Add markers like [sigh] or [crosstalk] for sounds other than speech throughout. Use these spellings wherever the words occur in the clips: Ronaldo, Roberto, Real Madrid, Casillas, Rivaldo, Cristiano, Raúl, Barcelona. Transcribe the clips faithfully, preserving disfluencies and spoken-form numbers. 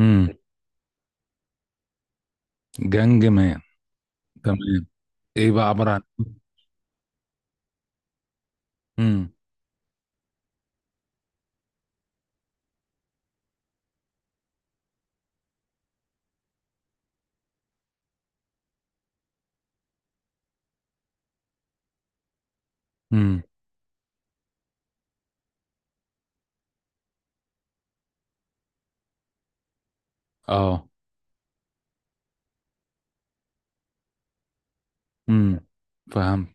امم. جانج مان. تمام. ايه بقى عبارة عن؟ امم. امم. اه. امم. فهمت.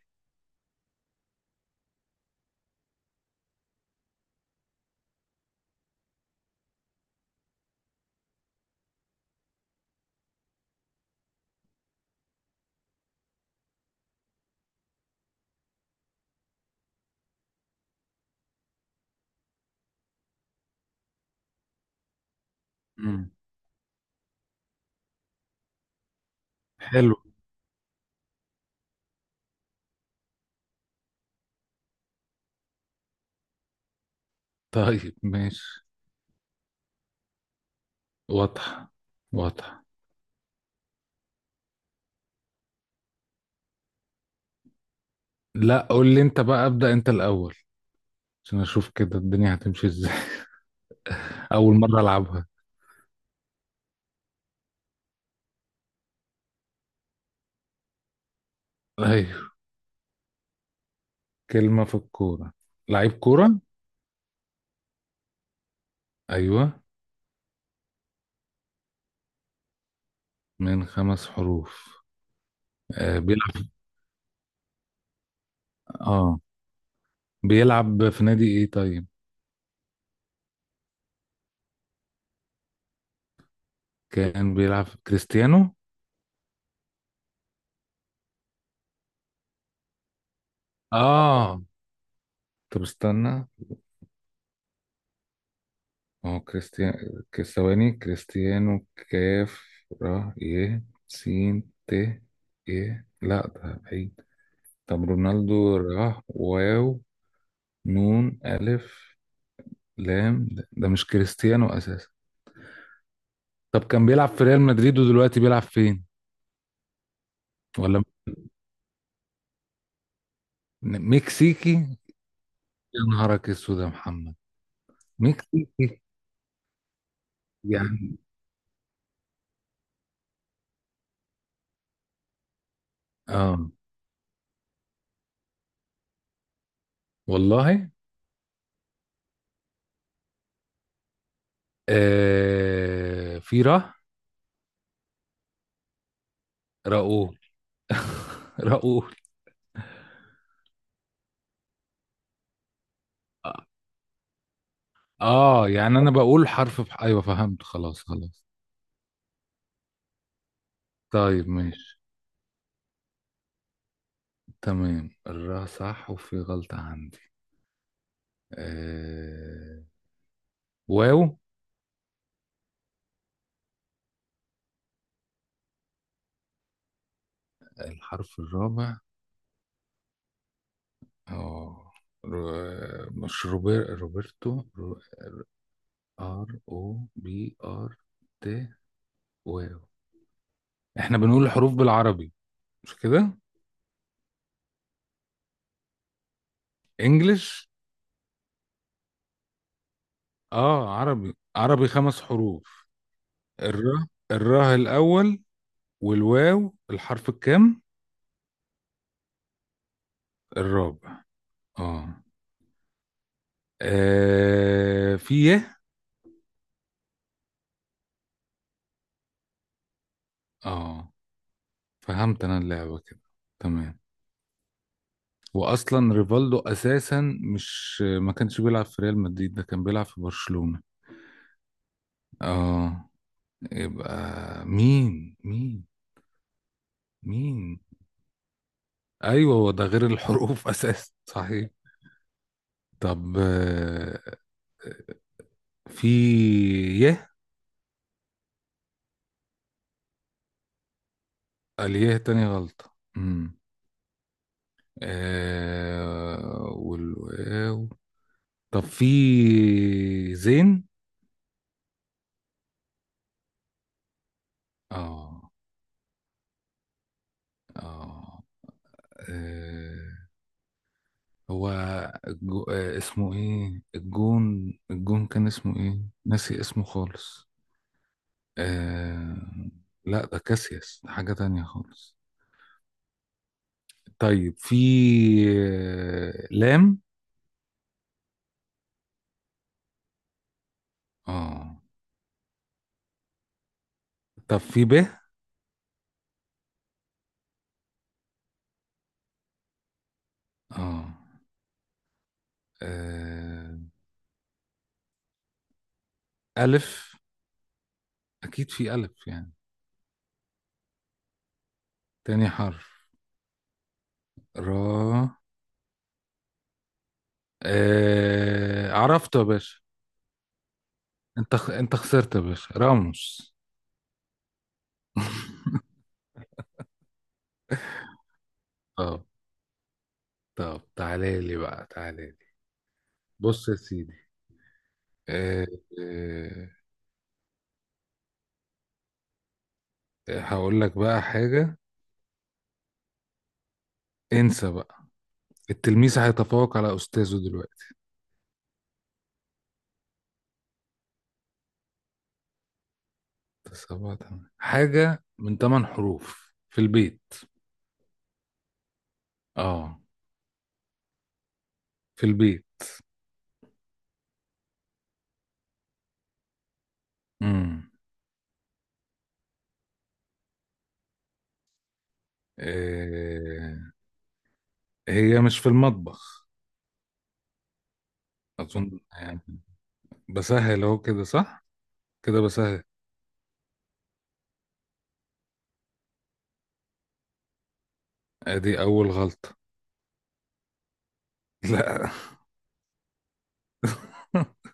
امم. حلو. طيب، ماشي. واضح. واضح. لا، قول لي انت بقى، ابدأ انت الاول عشان اشوف كده الدنيا هتمشي ازاي. [laughs] اول مرة العبها. ايوه. كلمة في الكورة. لعيب كورة. ايوه. من خمس حروف. آه، بيلعب. اه. بيلعب في نادي ايه طيب؟ كان بيلعب في كريستيانو. اه. طب استنى، ما هو كريستيان، ثواني. كريستيانو: كاف، را، ي، سين، ت، ي. لا ده بعيد. طب رونالدو: را، واو، نون، ألف، لام. ده, ده مش كريستيانو أساسا. طب كان بيلعب في ريال مدريد ودلوقتي بيلعب فين؟ ولا. م- مكسيكي؟ يا نهارك اسود يا محمد. مكسيكي. يعني. اه والله. آه، في را. راؤول. [laughs] راؤول. اه يعني انا بقول حرف بح... ايوه فهمت. خلاص خلاص. طيب ماشي. تمام، الراء صح وفي غلطة عندي. آه... واو. الحرف الرابع. اه. ر- مش روبر... روبرتو. رو... ار، او، بي، ار، تي، واو. احنا بنقول الحروف بالعربي، مش كده؟ انجلش. اه، عربي عربي، خمس حروف. الراء. الراء الاول. والواو الحرف الكام؟ الرابع. اه. آه، في يه. اه، فهمت انا اللعبة كده. تمام. واصلا ريفالدو اساسا، مش ما كانش بيلعب في ريال مدريد، ده كان بيلعب في برشلونة. اه. يبقى مين، مين، مين؟ ايوه هو ده غير الحروف [laughs] اساسا صحيح. طب آه، في يه. اليه تاني غلطة. امم. آه والواو. طب في زين. اه. اه. آه، هو الجو... آه، اسمه ايه؟ الجون الجون كان اسمه ايه؟ ناسي اسمه خالص. آه... لا ده كاسياس، ده حاجة تانية خالص. طيب في آه، لام. اه. طب في ب. اه. آه، ألف. أكيد في ألف يعني. تاني حرف. را. آه... عرفته يا باشا. انت خ... انت خسرت يا باشا، راموس. [laughs] اه. طب تعالى لي بقى، تعالى لي. بص يا سيدي. أه. أه. آه، هقول لك بقى حاجة. انسى بقى، التلميذ هيتفوق على أستاذه دلوقتي. سبعة تمانية، حاجة من ثمان حروف في البيت. اه. في البيت. امم. أه. هي مش في المطبخ، أظن يعني. بسهل أهو كده صح؟ كده بسهل. أدي أول غلطة. لا. [laughs]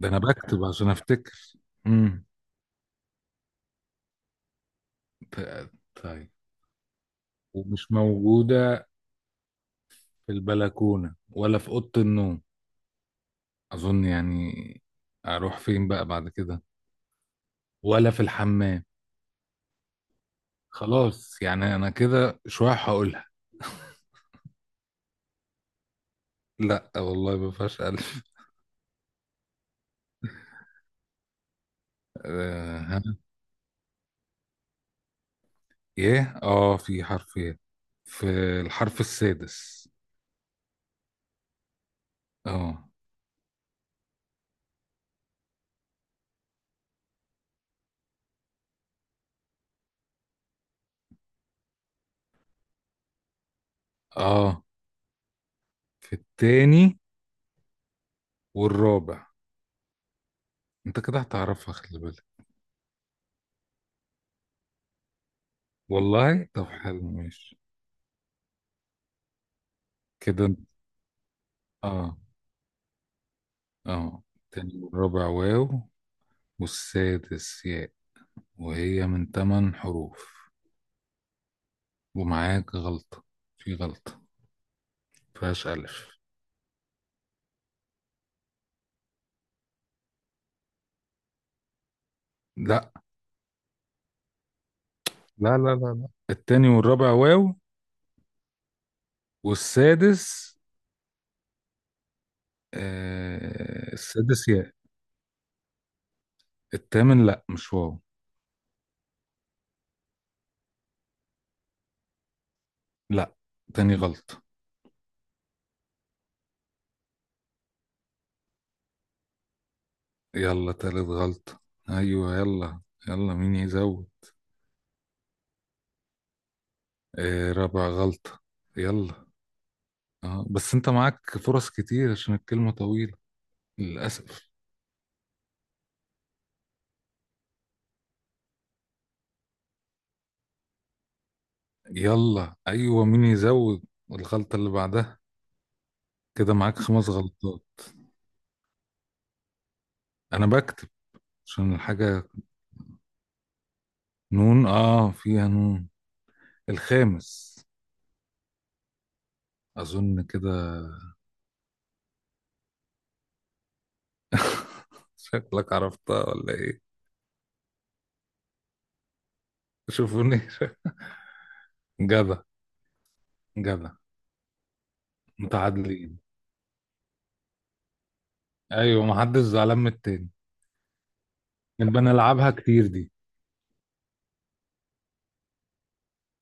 ده أنا بكتب عشان أفتكر. امم. ط- طيب. ومش موجودة في البلكونة ولا في أوضة النوم، أظن يعني. أروح فين بقى بعد كده؟ ولا في الحمام. خلاص يعني أنا كده شوية هقولها. لا والله ما فيهاش ألف. [laughs] آه ها. إيه، آه في حرف إيه؟ في الحرف السادس. آه. آه، في التاني والرابع. أنت كده هتعرفها، خلي بالك. والله طب حلو ماشي. كده. آه. آه، التاني والرابع واو، والسادس ياء. وهي من تمن حروف. ومعاك غلطة. في غلطة. مفيهاش ألف. لا، لا، لا، لا، لا، التاني والرابع واو. والسادس. آه، السادس ياء. التامن لا مش واو. لا، تاني غلطة. يلا، تالت غلطة. أيوة يلا. يلا، مين يزود. آه، رابع غلطة. يلا. آه بس أنت معاك فرص كتير عشان الكلمة طويلة للأسف. يلا ايوه، مين يزود. الغلطة اللي بعدها. كده معاك خمس غلطات. انا بكتب عشان الحاجة. نون. اه، فيها نون. الخامس. اظن كده. شكلك عرفتها ولا ايه؟ شوفوني [laughs] جدع. جدع. متعادلين. ايوه، محدش زعلان من التاني. نبقى نلعبها كتير دي.